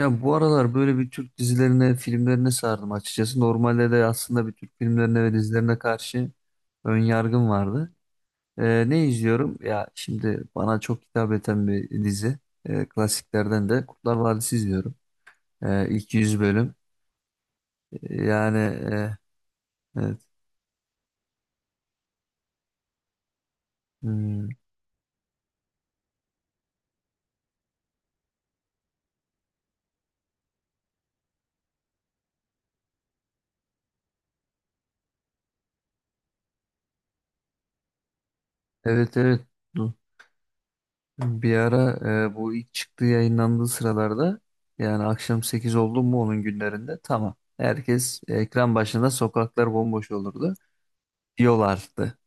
Ya bu aralar böyle bir Türk dizilerine, filmlerine sardım açıkçası. Normalde de aslında bir Türk filmlerine ve dizilerine karşı ön yargım vardı. Ne izliyorum? Ya şimdi bana çok hitap eden bir dizi. Klasiklerden de Kurtlar Vadisi izliyorum. İlk 100 bölüm. Yani, e, evet. Hmm, evet, evet. Du- Bir ara, bu ilk çıktığı yayınlandığı sıralarda, yani akşam 8 oldu mu onun günlerinde, tamam. Herkes ekran başında, sokaklar bomboş olurdu. Yol arttı.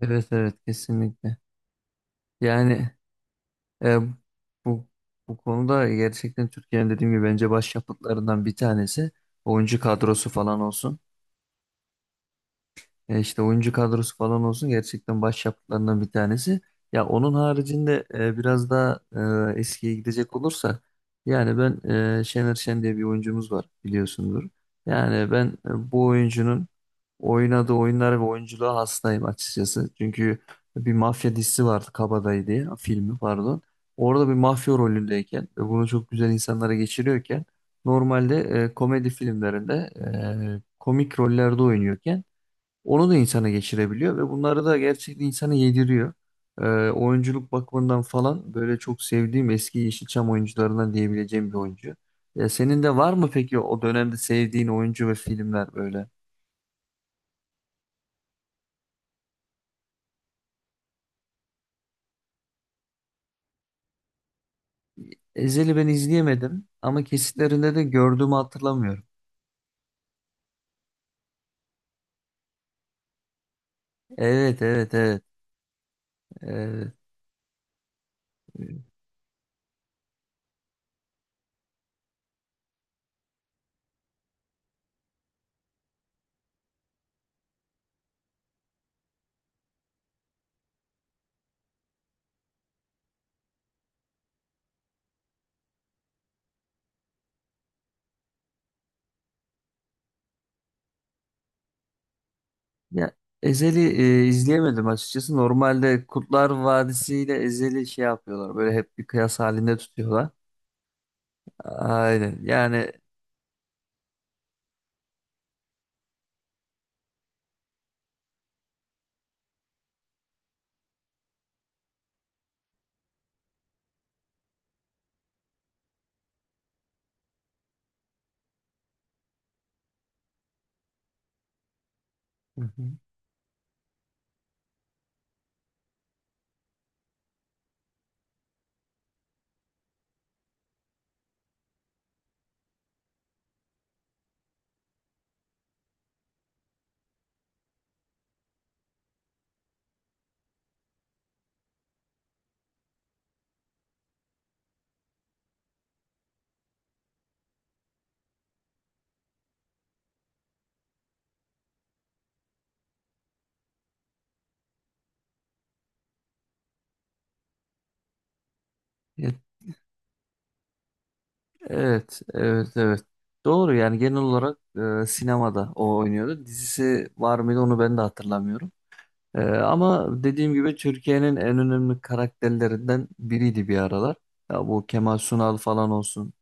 Evet, evet, kesinlikle. Yani, e, bu bu konuda gerçekten Türkiye'nin, dediğim gibi, bence başyapıtlarından bir tanesi oyuncu kadrosu falan olsun. İşte oyuncu kadrosu falan olsun, gerçekten başyapıtlarından bir tanesi. Ya onun haricinde, biraz daha eskiye gidecek olursa, yani ben, Şener Şen diye bir oyuncumuz var, biliyorsundur. Yani ben, bu oyuncunun oynadığı oyunlara ve oyunculuğa hastayım açıkçası. Çünkü bir mafya dizisi vardı, Kabadayı diye, filmi pardon. Orada bir mafya rolündeyken ve bunu çok güzel insanlara geçiriyorken, normalde, komedi filmlerinde komik rollerde oynuyorken, onu da insana geçirebiliyor ve bunları da gerçekten insana yediriyor. Ee, Oyunculuk bakımından falan böyle çok sevdiğim eski Yeşilçam oyuncularından diyebileceğim bir oyuncu. Ya senin de var mı peki o dönemde sevdiğin oyuncu ve filmler böyle? Ezel'i ben izleyemedim ama kesitlerinde de gördüğümü hatırlamıyorum. Evet, evet, evet. Evet. Ya Ezel'i, izleyemedim açıkçası. Normalde Kurtlar Vadisi ile Ezel'i şey yapıyorlar. Böyle hep bir kıyas halinde tutuyorlar. Aynen. Yani. Hı hı. Ya. Evet, evet, evet. Doğru, yani genel olarak, sinemada o oynuyordu. Dizisi var mıydı onu ben de hatırlamıyorum. Ama dediğim gibi, Türkiye'nin en önemli karakterlerinden biriydi bir aralar. Ya bu Kemal Sunal falan olsun.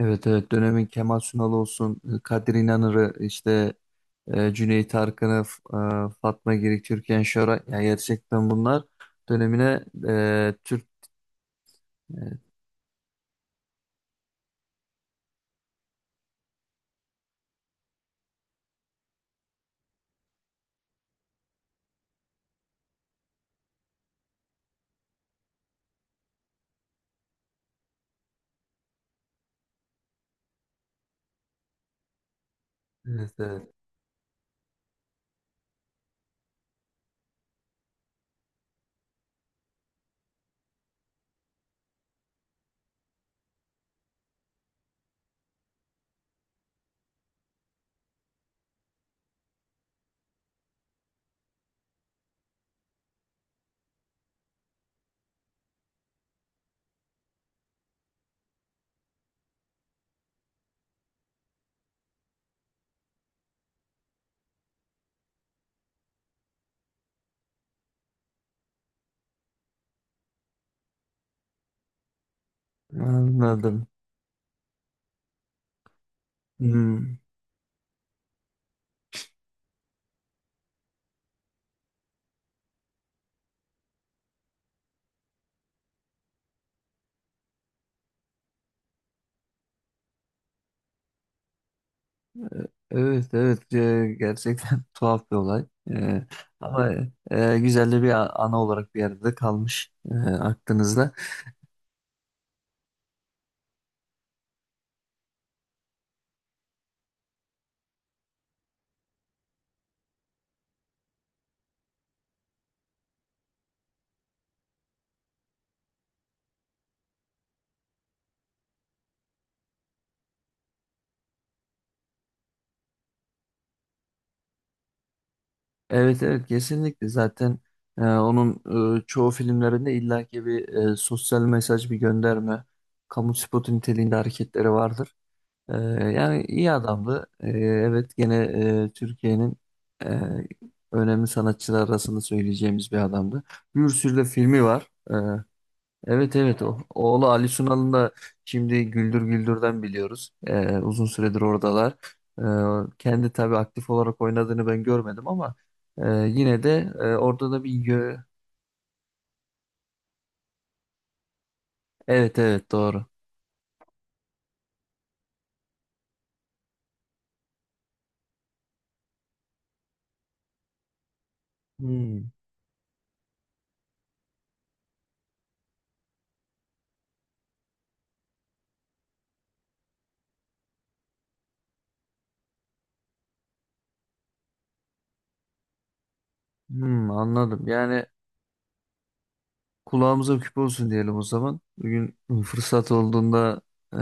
Evet, evet, dönemin Kemal Sunal olsun, Kadir İnanır'ı, işte, Cüneyt Arkın'ı, Fatma Girik, Türkan Şoray. Ya gerçekten bunlar dönemine, Türk... Evet, evet. Anladım. Hmm. Evet, evet, gerçekten tuhaf bir olay. Ama güzel de bir ana olarak bir yerde kalmış, aklınızda. Evet, evet, kesinlikle, zaten onun çoğu filmlerinde illaki bir sosyal mesaj, bir gönderme, kamu spotu niteliğinde hareketleri vardır. E, Yani iyi adamdı. Evet, gene, Türkiye'nin e, önemli sanatçılar arasında söyleyeceğimiz bir adamdı. Bir sürü de filmi var. Evet, evet, oğlu Ali Sunal'ın da şimdi Güldür Güldür'den biliyoruz. Uzun süredir oradalar. Kendi tabii aktif olarak oynadığını ben görmedim ama, yine de orada da bir yö... Evet, evet, doğru. Hmm. Hmm, anladım. Yani kulağımıza küpe olsun diyelim o zaman. Bugün fırsat olduğunda, e,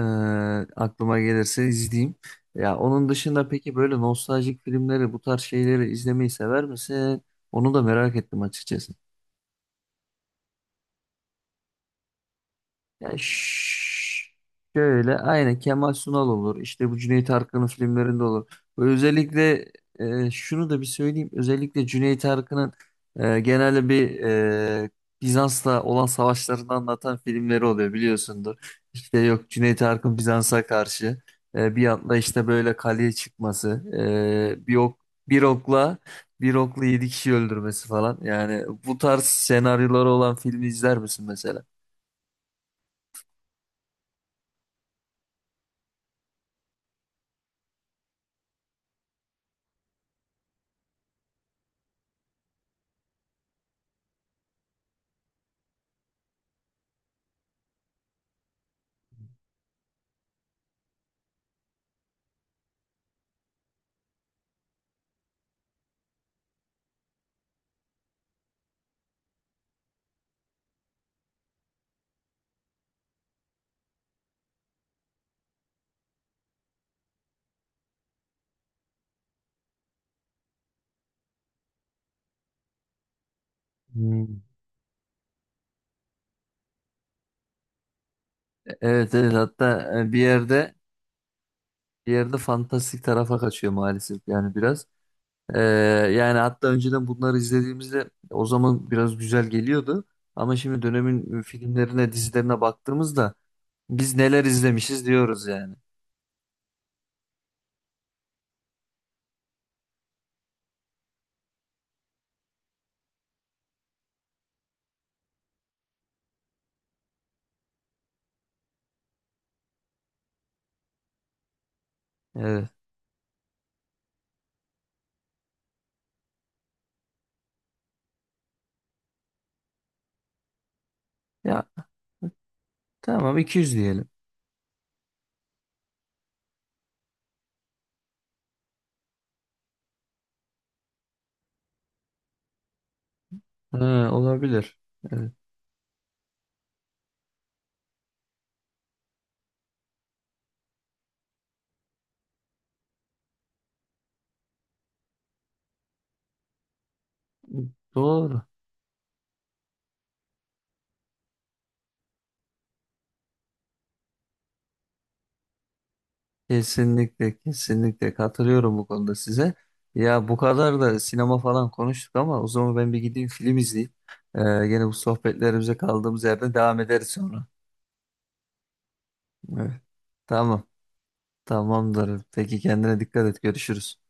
aklıma gelirse izleyeyim. Ya onun dışında peki, böyle nostaljik filmleri, bu tarz şeyleri izlemeyi sever misin? Onu da merak ettim açıkçası. Ya şöyle, aynı Kemal Sunal olur. İşte bu Cüneyt Arkın'ın filmlerinde olur. Ve özellikle, şunu da bir söyleyeyim. Özellikle Cüneyt Arkın'ın genelde bir, e, Bizans'la olan savaşlarını anlatan filmleri oluyor, biliyorsundur. İşte yok, Cüneyt Arkın Bizans'a karşı, bir atla işte böyle kaleye çıkması, e, bir ok bir okla bir okla yedi kişi öldürmesi falan. Yani bu tarz senaryoları olan filmi izler misin mesela? Evet, evet, hatta bir yerde fantastik tarafa kaçıyor maalesef, yani biraz. Ee, Yani hatta önceden bunları izlediğimizde, o zaman biraz güzel geliyordu. Ama şimdi dönemin, filmlerine, dizilerine baktığımızda, biz neler izlemişiz diyoruz yani. Evet. Ya tamam, 200 diyelim. Ha, olabilir. Evet. Doğru. Kesinlikle, kesinlikle katılıyorum bu konuda size. Ya bu kadar da sinema falan konuştuk, ama o zaman ben bir gideyim film izleyeyim. Ee, Yine bu sohbetlerimize kaldığımız yerden devam ederiz sonra. Evet. Tamam, tamamdır. Peki kendine dikkat et. Görüşürüz.